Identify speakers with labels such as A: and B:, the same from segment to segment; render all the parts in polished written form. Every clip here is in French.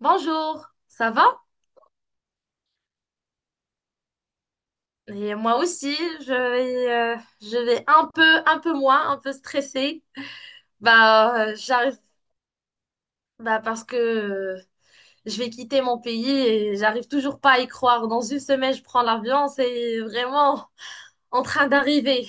A: Bonjour, ça va? Et moi aussi, je vais un peu moins, un peu stressée. J'arrive, parce que je vais quitter mon pays et j'arrive toujours pas à y croire. Dans une semaine, je prends l'avion, c'est vraiment en train d'arriver.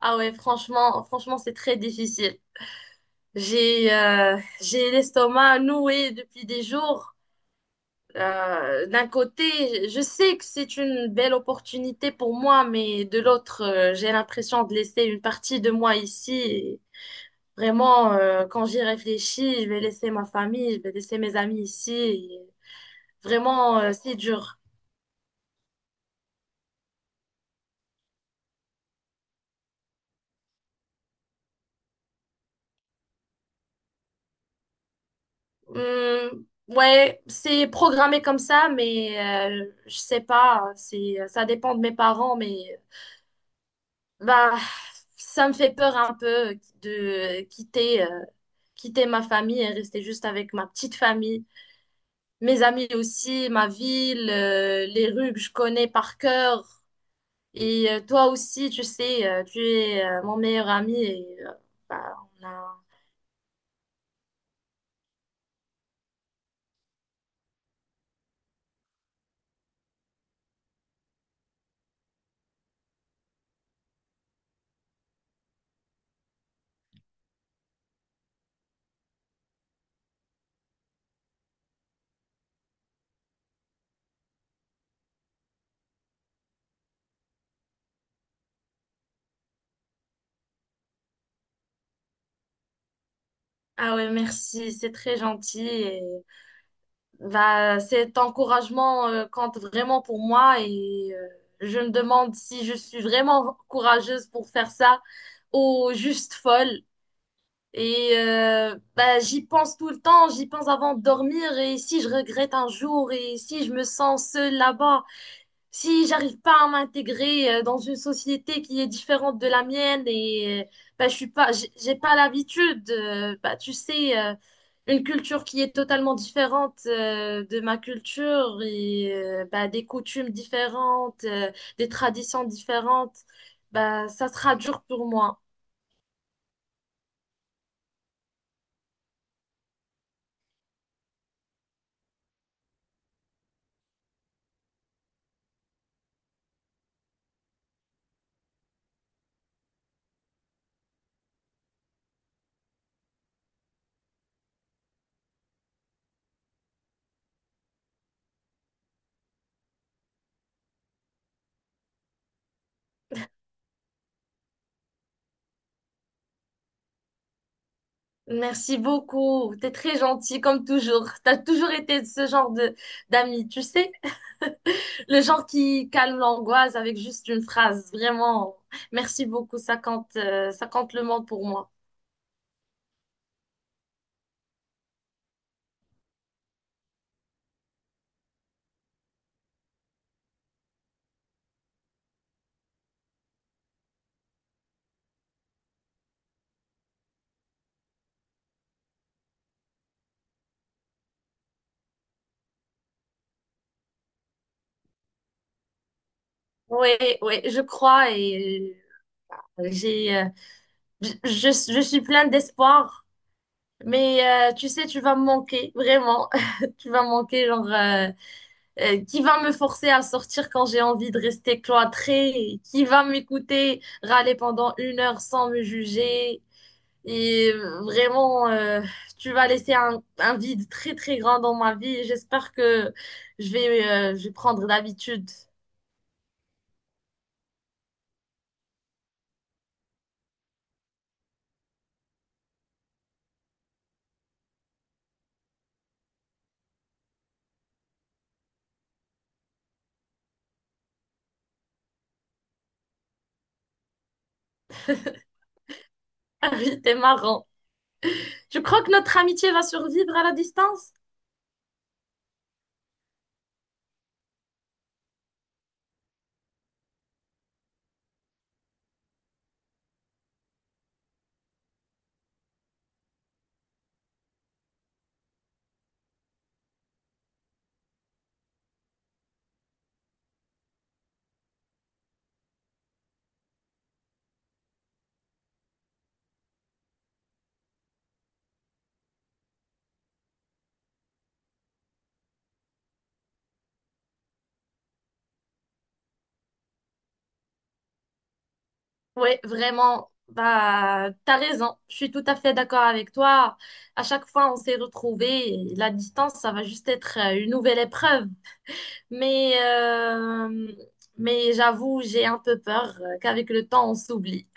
A: Ah ouais, franchement, c'est très difficile. J'ai l'estomac noué depuis des jours. D'un côté, je sais que c'est une belle opportunité pour moi, mais de l'autre, j'ai l'impression de laisser une partie de moi ici. Et vraiment, quand j'y réfléchis, je vais laisser ma famille, je vais laisser mes amis ici. Et vraiment, c'est dur. Ouais, c'est programmé comme ça, mais je sais pas. Ça dépend de mes parents, mais bah, ça me fait peur un peu de quitter ma famille et rester juste avec ma petite famille. Mes amis aussi, ma ville, les rues que je connais par cœur. Et toi aussi, tu sais, tu es mon meilleur ami. Et, bah, on a... Ah ouais, merci, c'est très gentil. Et bah, cet encouragement compte vraiment pour moi et je me demande si je suis vraiment courageuse pour faire ça ou juste folle. Et bah, j'y pense tout le temps, j'y pense avant de dormir et si je regrette un jour et si je me sens seule là-bas, si j'arrive pas à m'intégrer dans une société qui est différente de la mienne et bah, je suis pas, j'ai pas l'habitude, bah, tu sais, une culture qui est totalement différente de ma culture et bah, des coutumes différentes, des traditions différentes, bah, ça sera dur pour moi. Merci beaucoup, t'es très gentil comme toujours. T'as toujours été ce genre de d'amis, tu sais. Le genre qui calme l'angoisse avec juste une phrase. Vraiment, merci beaucoup. Ça compte le monde pour moi. Oui, oui, je crois et euh, j'ai, euh, je suis pleine d'espoir. Mais tu sais, tu vas me manquer, vraiment. Tu vas me manquer, qui va me forcer à sortir quand j'ai envie de rester cloîtrée? Qui va m'écouter râler pendant une heure sans me juger? Et vraiment, tu vas laisser un vide très très grand dans ma vie. J'espère que je vais prendre l'habitude. Ah oui, t'es marrant. Je crois que notre amitié va survivre à la distance. Ouais, vraiment. Bah, t'as raison. Je suis tout à fait d'accord avec toi. À chaque fois, on s'est retrouvés. Et la distance, ça va juste être une nouvelle épreuve. Mais, euh, mais j'avoue, j'ai un peu peur qu'avec le temps, on s'oublie.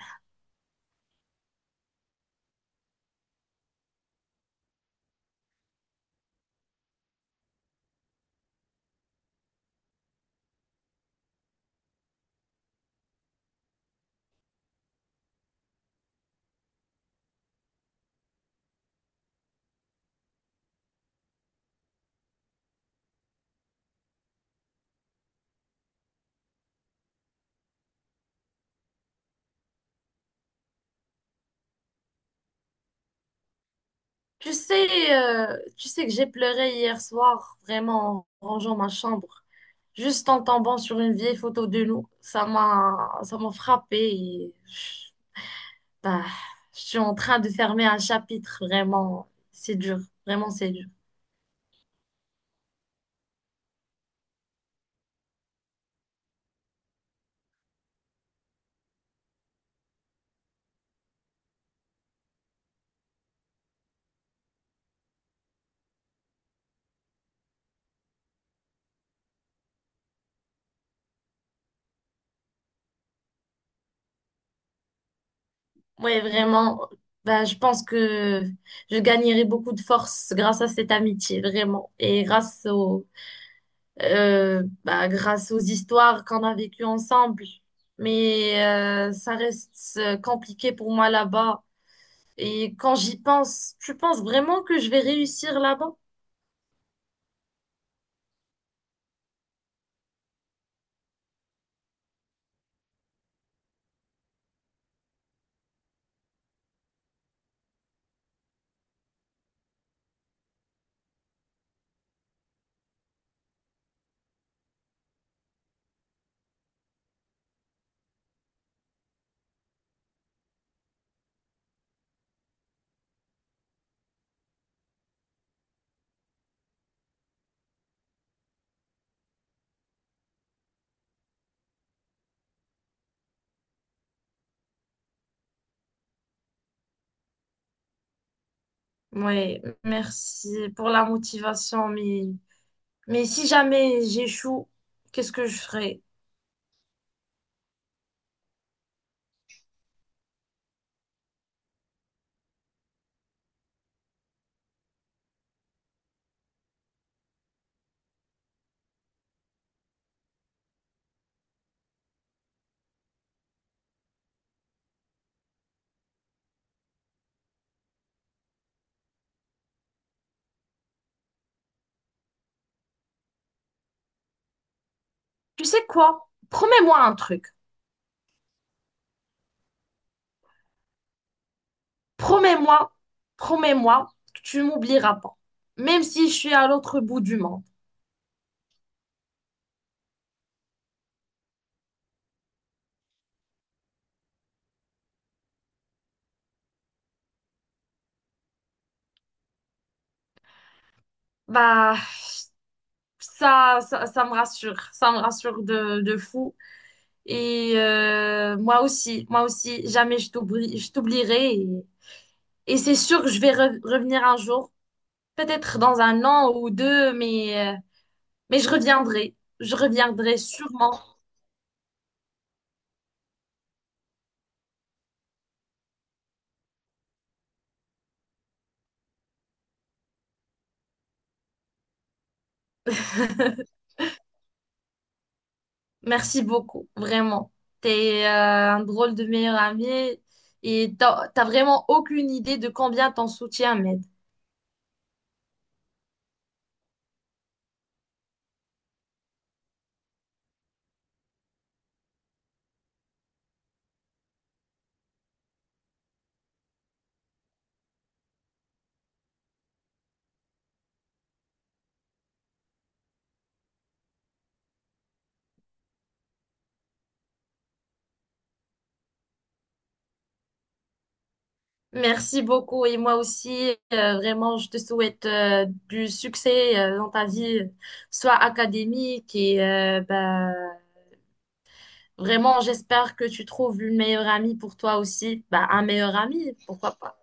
A: Tu sais, tu sais que j'ai pleuré hier soir, vraiment, en rangeant ma chambre, juste en tombant sur une vieille photo de nous. Ça m'a frappée et je, bah, je suis en train de fermer un chapitre, vraiment. C'est dur, vraiment, c'est dur. Oui, vraiment, bah, je pense que je gagnerai beaucoup de force grâce à cette amitié, vraiment, et bah, grâce aux histoires qu'on a vécues ensemble. Mais ça reste compliqué pour moi là-bas. Et quand j'y pense, tu penses vraiment que je vais réussir là-bas? Ouais, merci pour la motivation, mais si jamais j'échoue, qu'est-ce que je ferai? Tu sais quoi? Promets-moi un truc. Promets-moi, Promets-moi que tu m'oublieras pas. Même si je suis à l'autre bout du monde. Bah, ça me rassure de fou. Et moi aussi, jamais je t'oublie, je t'oublierai. Et c'est sûr que je vais revenir un jour, peut-être dans un an ou deux, mais je reviendrai. Je reviendrai sûrement. Merci beaucoup, vraiment. T'es un drôle de meilleur ami et t'as vraiment aucune idée de combien t'en soutiens, mais merci beaucoup et moi aussi, vraiment, je te souhaite du succès dans ta vie, soit académique et bah, vraiment, j'espère que tu trouves une meilleure amie pour toi aussi, bah, un meilleur ami, pourquoi pas.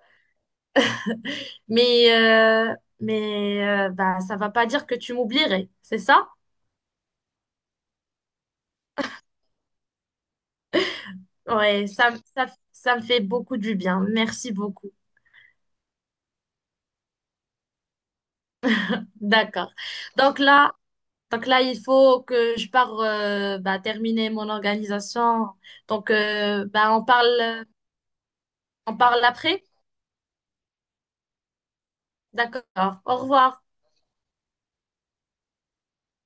A: Mais, euh, Bah, ça va pas dire que tu m'oublierais, c'est ça? Ouais, ça, ça, Ça me fait beaucoup du bien. Merci beaucoup. D'accord. Donc là, Donc là, il faut que je pars bah, terminer mon organisation. Donc, bah, on parle après. D'accord. Au revoir.